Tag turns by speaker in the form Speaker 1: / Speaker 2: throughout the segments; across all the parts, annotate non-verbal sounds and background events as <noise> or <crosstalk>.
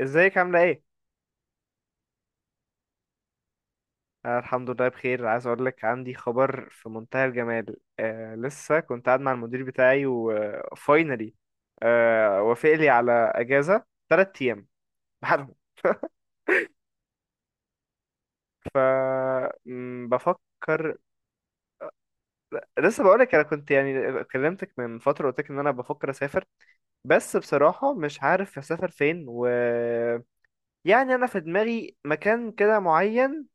Speaker 1: ازيك عاملة ايه؟ أنا الحمد لله بخير. عايز اقول لك عندي خبر في منتهى الجمال. لسه كنت قاعد مع المدير بتاعي وفاينلي، وافق لي على اجازة 3 ايام بحالهم. <laughs> ف م، بفكر. لسه بقول لك، انا كنت يعني كلمتك من فترة قلت لك ان انا بفكر اسافر، بس بصراحة مش عارف اسافر فين، و يعني انا في دماغي مكان كده معين.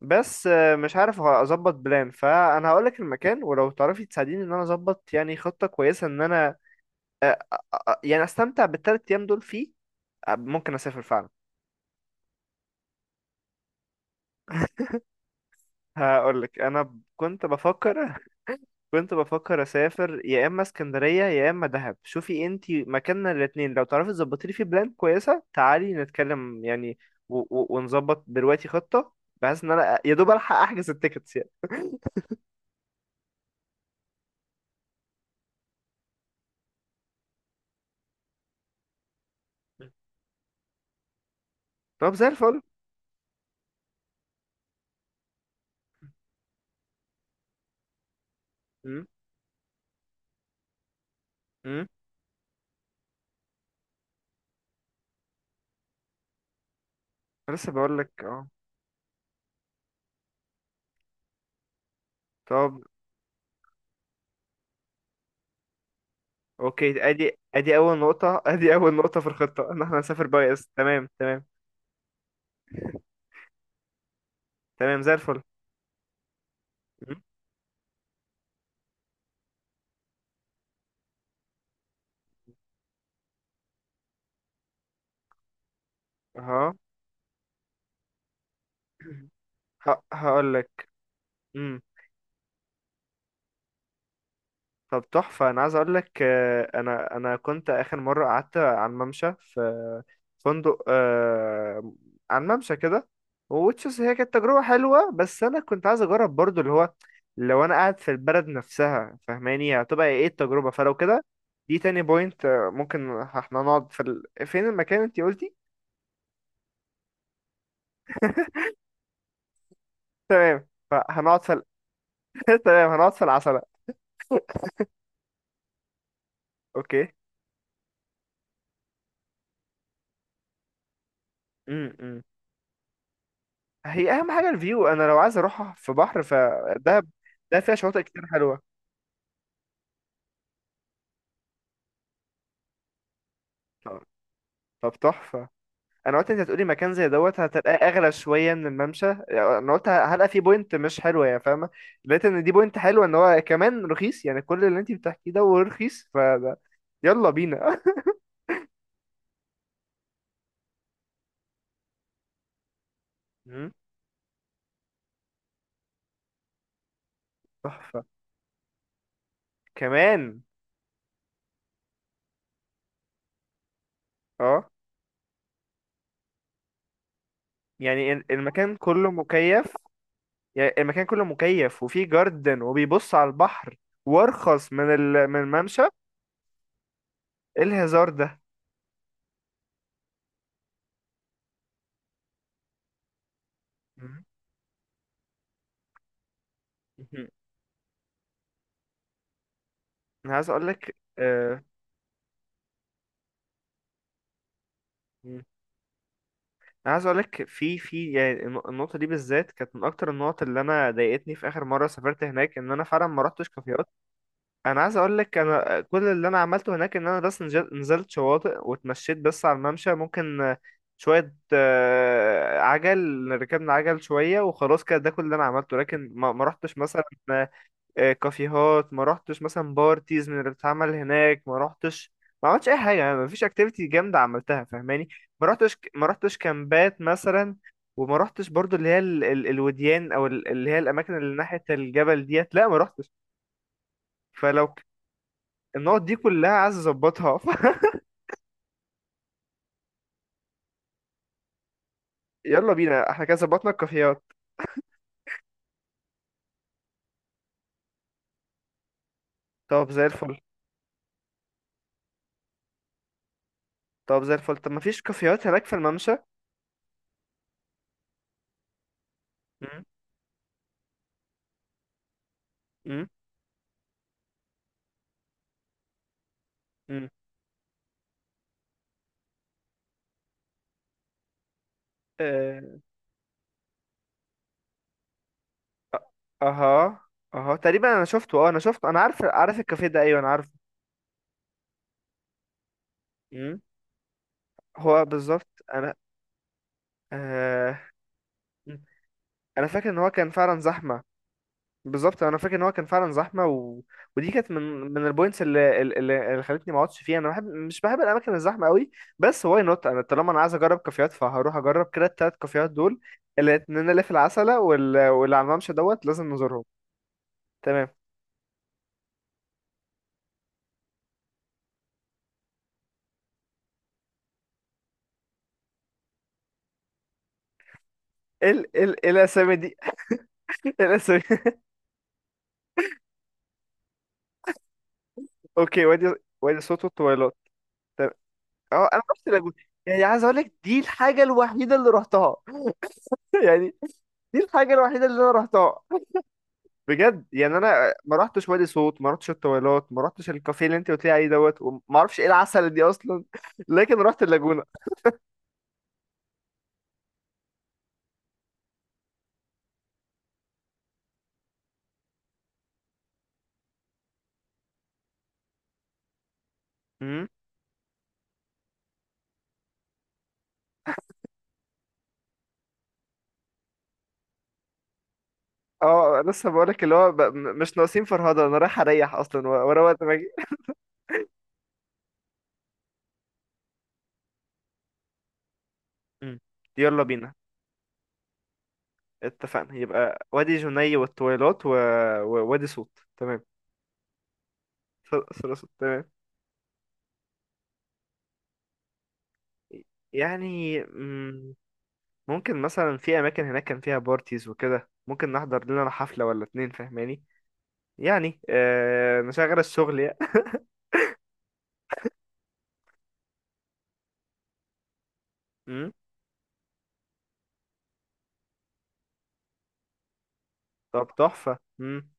Speaker 1: بس مش عارف اظبط بلان. فانا هقول لك المكان، ولو تعرفي تساعديني ان انا اظبط يعني خطة كويسة ان انا آه، يعني استمتع بالثلاث ايام دول فيه. ممكن اسافر فعلا. هقول لك انا كنت بفكر. <laughs> كنت بفكر اسافر يا اما اسكندرية يا اما دهب. شوفي انتي مكاننا الاتنين، لو تعرفي تظبطي لي في بلان كويسة تعالي نتكلم يعني. و- و- ونظبط دلوقتي خطة، بحيث ان انا يا دوب الحق احجز التيكتس يعني. طب زي الفل. امم امم لسه بقول لك. اه طب اوكي. ادي اول نقطة. <laughs> ادي اول نقطة في الخطة ان احنا نسافر باي اس. تمام تمام تمام زي الفل. مم. ها. <clears throat> هقول لك. طب تحفة، أنا عايز أقول لك أنا كنت آخر مرة قعدت على الممشى في فندق، على الممشى كده وتشوز. هي كانت تجربة حلوة، بس أنا كنت عايز أجرب برضو اللي هو لو أنا قاعد في البلد نفسها، فاهماني هتبقى إيه التجربة. فلو كده دي تاني بوينت. ممكن احنا نقعد في فين المكان أنتي قلتي؟ تمام فهنقعد في <laughs> تمام هنقعد في العسلة. أوكي. م -م. هي اهم حاجه الفيو. انا لو عايز اروح في بحر فدهب، ده فيها شواطئ كتير حلوه. طب. طب تحفه. انا قلت انت هتقولي مكان زي دوت هتلاقيه اغلى شويه من الممشى، يعني انا قلت هلقى فيه بوينت مش حلوه، يعني فاهمه. لقيت ان دي بوينت حلوه، ان هو كمان رخيص، يعني كل اللي انت بتحكيه ده ورخيص فده. يلا بينا. <laughs> مم، تحفه كمان. اه يعني المكان كله مكيف. يعني المكان كله مكيف وفيه جاردن وبيبص على البحر وارخص من من الممشى. ايه الهزار ده. مم. مم. انا عايز اقول لك مم. انا عايز اقول لك في يعني النقطه دي بالذات كانت من اكتر النقط اللي انا ضايقتني في اخر مره سافرت هناك، ان انا فعلا ما رحتش كافيهات. انا عايز اقول لك انا كل اللي انا عملته هناك ان انا بس نزلت شواطئ واتمشيت بس على الممشى. ممكن شويه عجل، ركبنا عجل شويه وخلاص كده، ده كل اللي انا عملته، لكن ما رحتش مثلا كافيهات. ما رحتش مثلا بارتيز من اللي بتتعمل هناك. ما رحتش، ما عملتش اي حاجه، يعني ما فيش اكتيفيتي جامده عملتها فاهماني. ما رحتش، ما رحتش كامبات مثلا. وما رحتش برضو اللي هي الوديان او اللي هي الاماكن اللي ناحيه الجبل ديت، لا ما رحتش. فلو ك- النقط دي كلها عايز اظبطها. <laughs> يلا بينا، احنا كده ظبطنا الكافيهات. طب زي الفل. طب زي الفل. طب ما فيش كافيهات هناك في الممشى؟ مم، مم، مم. اها، اها تقريبا انا شفته. اه انا شفته، انا عارف، عارف الكافيه ده. ايوه انا عارفه. امم. هو بالظبط. انا آه مم. انا فاكر ان هو كان فعلا زحمه. بالظبط، انا فاكر ان هو كان فعلا زحمه و... ودي كانت من البوينتس اللي خلتني ما اقعدش فيها. انا بحب، مش بحب الاماكن الزحمه قوي. بس واي نوت، انا طالما انا عايز اجرب كافيهات فهروح اجرب كده التلات كافيهات دول. الاتنين اللي في العسله واللي على الممشى دوت لازم نزورهم. تمام. ال ال الاسامي دي. <laughs> الاسامي. <laughs> اوكي. وادي، وادي صوت الطويلات. طب اه انا رحت اللاجون، يعني عايز اقول لك دي الحاجه الوحيده اللي رحتها. <laughs> يعني دي الحاجه الوحيده اللي انا رحتها. بجد يعني انا ما رحتش وادي صوت، ما رحتش الطويلات، ما رحتش الكافيه اللي انت قلت لي عليه دوت، وما اعرفش ايه العسل دي اصلا. <laughs> لكن رحت اللاجونه. امم. اه لسه بقول لك اللي هو مش ناقصين فرهده. انا رايح اريح اصلا ورا وقت ما اجي. مم. يلا بينا. اتفقنا يبقى وادي جني والطويلات و... ووادي صوت. تمام. ثلاث صوت تمام. يعني ممكن مثلا في اماكن هناك كان فيها بارتيز وكده، ممكن نحضر لنا حفلة ولا اتنين فاهماني. يعني نشغل الشغل يعني. <laughs> مم. طب تحفة. مم.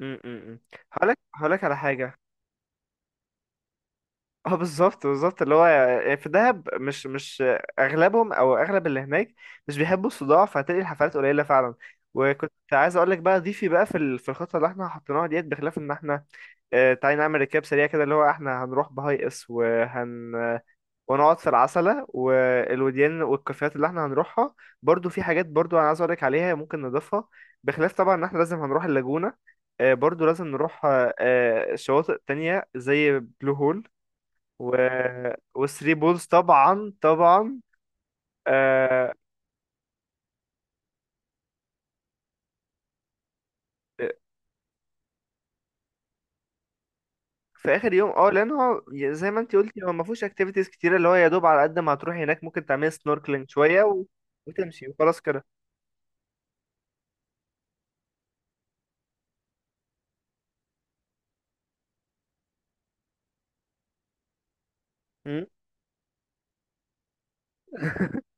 Speaker 1: مم. مم. مم. هقولك، هقولك على حاجة. <laughs> اه بالظبط، بالظبط اللي هو يعني في دهب مش اغلبهم، او اغلب اللي هناك مش بيحبوا الصداع فهتلاقي الحفلات قليلة فعلا. وكنت عايز اقول لك بقى ضيفي بقى في في الخطه اللي احنا حطيناها ديت، بخلاف ان احنا تعالي نعمل ركاب سريع كده اللي هو احنا هنروح بهاي اس ونقعد في العسلة والوديان والكافيهات اللي احنا هنروحها. برضو في حاجات برضو انا عايز اقولك عليها ممكن نضيفها، بخلاف طبعا ان احنا لازم هنروح اللاجونة. برضو لازم نروح شواطئ تانية زي بلو هول و... وثري بولز طبعا، طبعا آه، في اخر يوم. اه لان هو زي ما انت قلتي هو ما فيهوش اكتيفيتيز كتيره، اللي هو يا دوب على قد ما هتروحي هناك ممكن تعملي سنوركلينج شويه وتمشي وخلاص كده. مم. <laughs>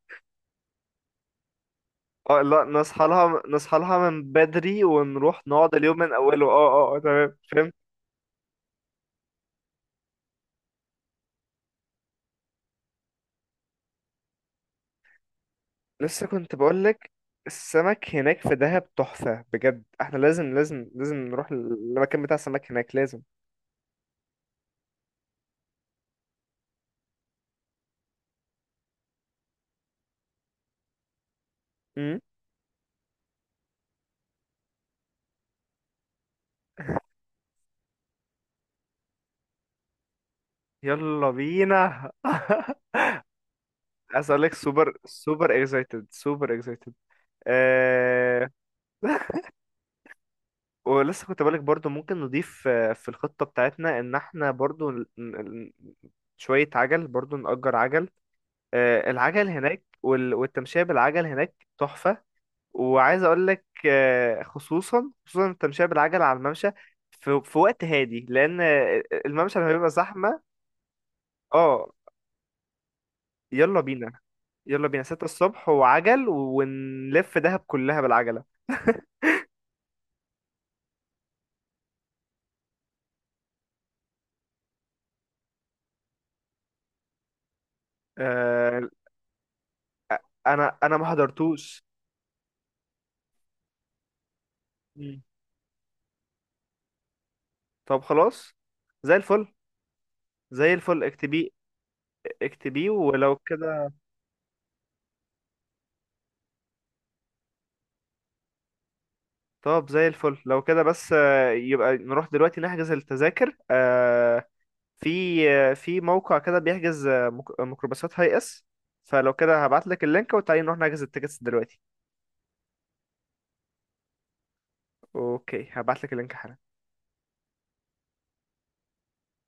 Speaker 1: اه لا، نصحى لها، نصحى لها من بدري ونروح نقعد اليوم من اوله. اه، اه، اه تمام فهمت. لسه كنت بقول لك السمك هناك في دهب تحفة بجد. احنا لازم، لازم، لازم نروح المكان بتاع السمك هناك، لازم. امم. يلا بينا. <laughs> عايز اقول لك سوبر سوبر اكسايتد، سوبر اكسايتد. آه... <laughs> ولسه كنت بقولك برضو ممكن نضيف في الخطة بتاعتنا ان احنا برضو شوية عجل، برضو نأجر عجل. العجل هناك والتمشية بالعجل هناك تحفة. وعايز اقول لك خصوصا، خصوصا التمشية بالعجل على الممشى في، وقت هادي، لان الممشى لما بيبقى زحمة. اه يلا بينا. يلا بينا 6 الصبح وعجل ونلف دهب كلها بالعجلة. <laughs> آه، انا ما حضرتوش. مم. طب خلاص زي الفل. زي الفل اكتبيه. اكتبيه ولو كده. طب زي الفل لو كده، بس يبقى نروح دلوقتي نحجز التذاكر. في، في موقع كده بيحجز ميكروباصات هاي اس. فلو كده هبعت لك اللينك وتعالي نروح نحجز التيكتس دلوقتي. اوكي هبعت لك اللينك حالا.